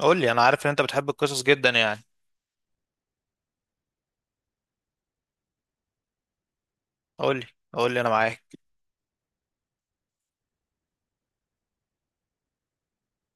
قول لي، انا عارف ان انت بتحب القصص جدا يعني. قول لي. قول لي انا معاك.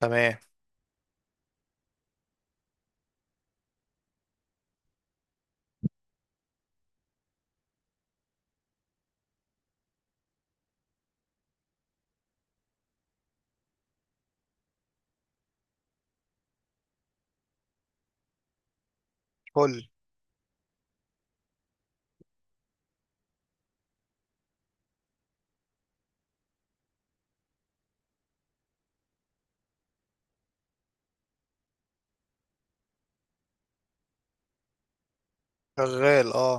تمام. فل. شغال. اه.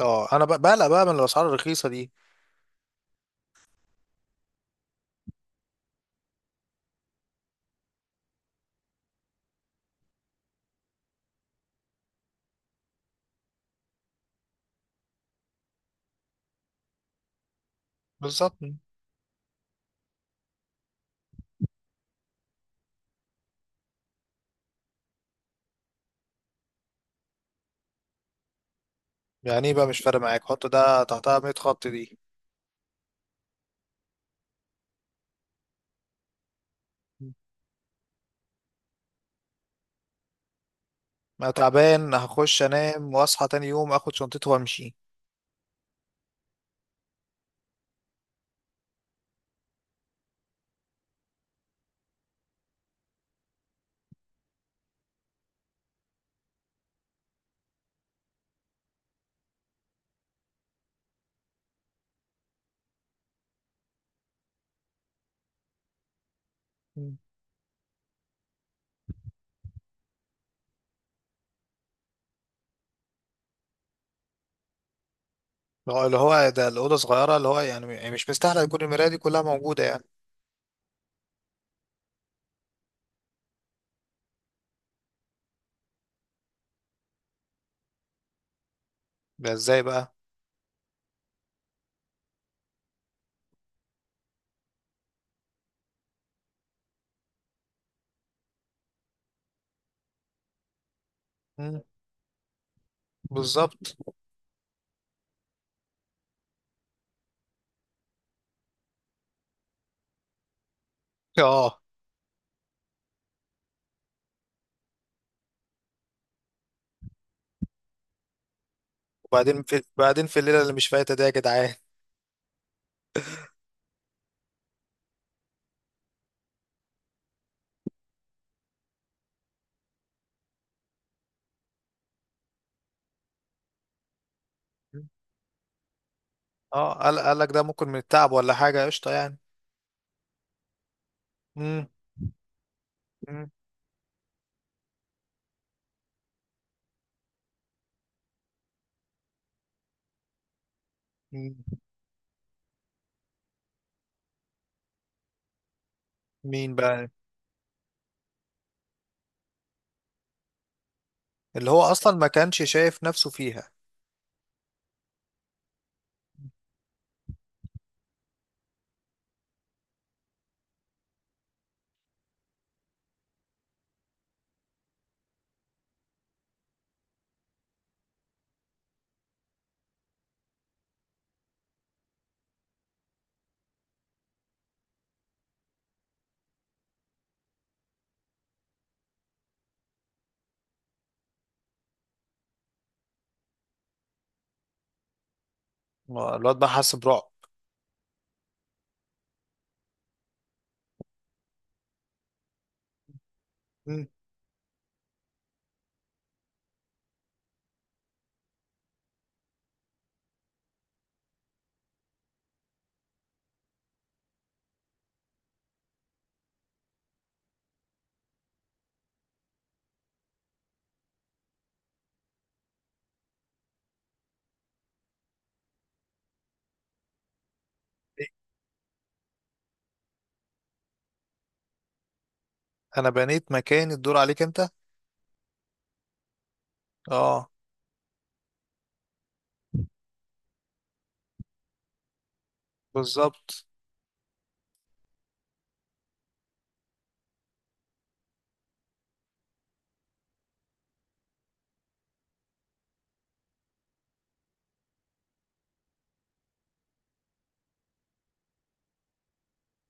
اه انا بقلق بقى من الاسعار الرخيصه دي. بالظبط. يعني ايه بقى مش فارق معاك؟ حط ده تحتها 100 خط دي. انا تعبان، هخش انام واصحى تاني يوم اخد شنطتي وامشي. مم. اللي هو ده الاوضه صغيره، اللي هو يعني مش مستاهله يكون المرايه دي كلها موجوده يعني. ده ازاي بقى؟ مم. بالظبط. اه. وبعدين في الليله اللي مش فايته دي يا جدعان. اه، قال لك ده ممكن من التعب ولا حاجة؟ قشطة يعني. مم. مم. مم. مين بقى؟ اللي هو أصلا ما كانش شايف نفسه فيها. الواد بقى حس برعب. مم. أنا بنيت مكاني، الدور عليك أنت. اه، بالظبط.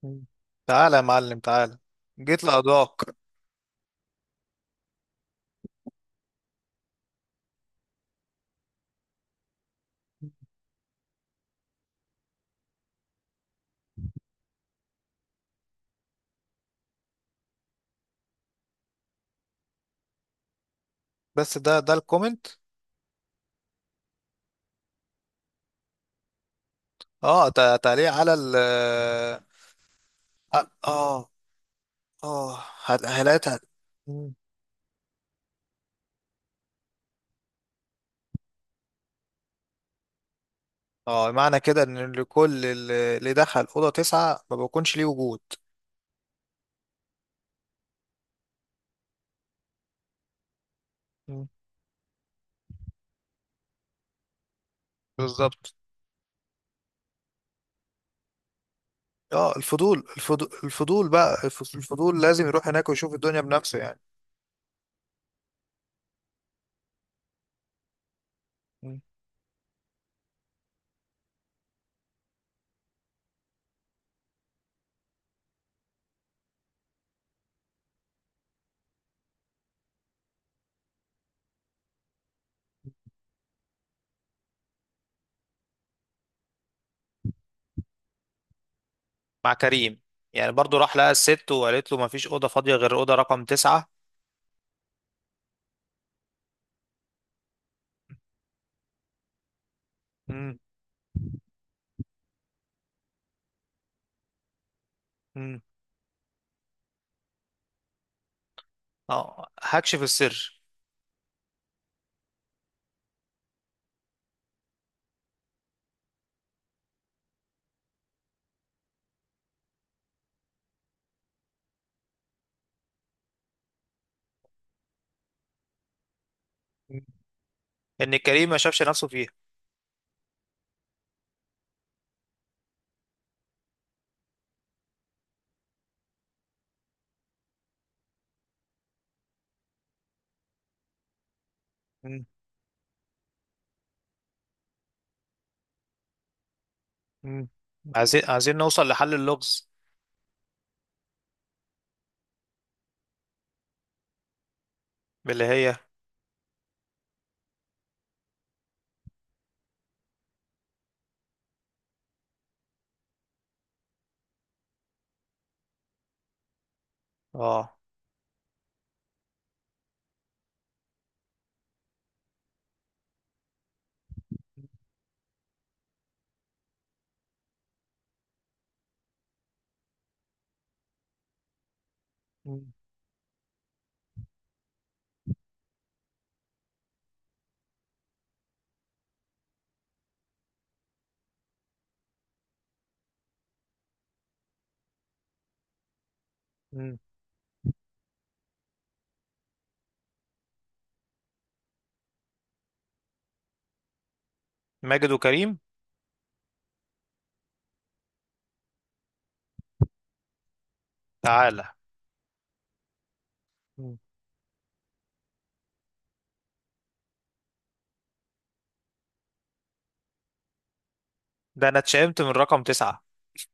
مم. تعالى يا معلم، تعالى. جيت لأضاك. بس ده الكومنت. اه، تعليق على اه، اه. آه. هلاقيتها. مم. اه، معنى كده ان لكل اللي دخل اوضه تسعه ما بيكونش ليه وجود. بالظبط. اه، الفضول الفضول الفضول بقى، الفضول لازم يروح هناك ويشوف الدنيا بنفسه يعني. مم. مع كريم. يعني برضو راح لقى الست وقالت له مفيش أوضة فاضية غير أوضة رقم تسعة. مم. مم. اه، هكشف السر. مم. إن كريم ما شافش نفسه فيها. مم. مم. عايزين عايزين نوصل لحل اللغز. اللي هي اه. مم. مم. ماجد وكريم. تعالى. مم. ده أنا اتشائمت من رقم تسعة.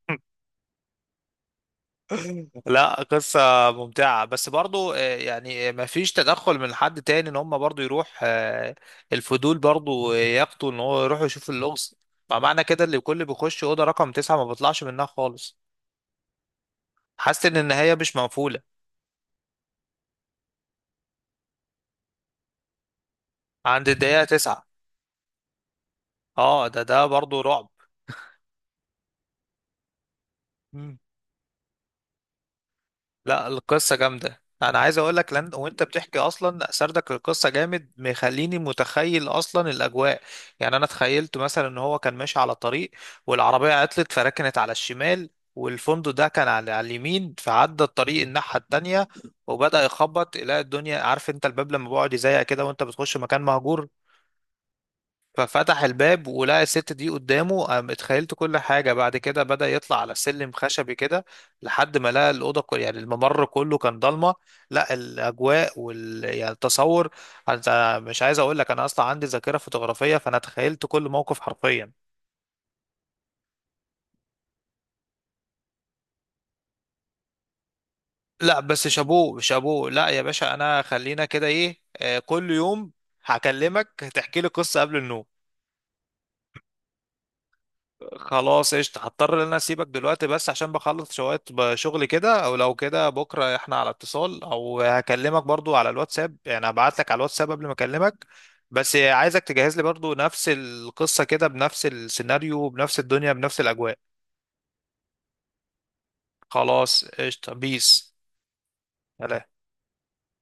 لا، قصة ممتعة، بس برضو يعني ما فيش تدخل من حد تاني ان هم برضو يروح، الفضول برضو يقتوا ان هو يروح يشوف اللغز. معنى كده اللي كل بيخش أوضة رقم تسعة ما بيطلعش منها خالص. حاسس ان النهاية مش مقفولة. عند الدقيقة تسعة. اه، ده برضو رعب. لا، القصة جامدة، انا عايز اقول لك لان وانت بتحكي اصلا سردك القصة جامد مخليني متخيل اصلا الاجواء. يعني انا تخيلت مثلا ان هو كان ماشي على طريق، والعربية عطلت فركنت على الشمال، والفندق ده كان على اليمين، فعدى الطريق الناحية التانية وبدأ يخبط يلاقي الدنيا. عارف انت الباب لما بيقعد يزيق كده وانت بتخش مكان مهجور؟ ففتح الباب ولقى الست دي قدامه، قام اتخيلت كل حاجة بعد كده. بدأ يطلع على سلم خشبي كده لحد ما لقى الأوضة. كل يعني الممر كله كان ضلمة. لا، الأجواء يعني التصور، أنت مش عايز أقول لك، أنا أصلا عندي ذاكرة فوتوغرافية فأنا تخيلت كل موقف حرفيا. لا بس، شابوه شابوه. لا يا باشا، أنا خلينا كده إيه، كل يوم هكلمك هتحكي لي قصة قبل النوم. خلاص، قشطة. هضطر ان انا اسيبك دلوقتي بس عشان بخلص شوية شغل كده. او لو كده بكرة احنا على اتصال، او هكلمك برضو على الواتساب، يعني هبعت لك على الواتساب قبل ما اكلمك. بس عايزك تجهز لي برضو نفس القصة كده، بنفس السيناريو، بنفس الدنيا، بنفس الاجواء. خلاص، قشطة. بيس. سلام.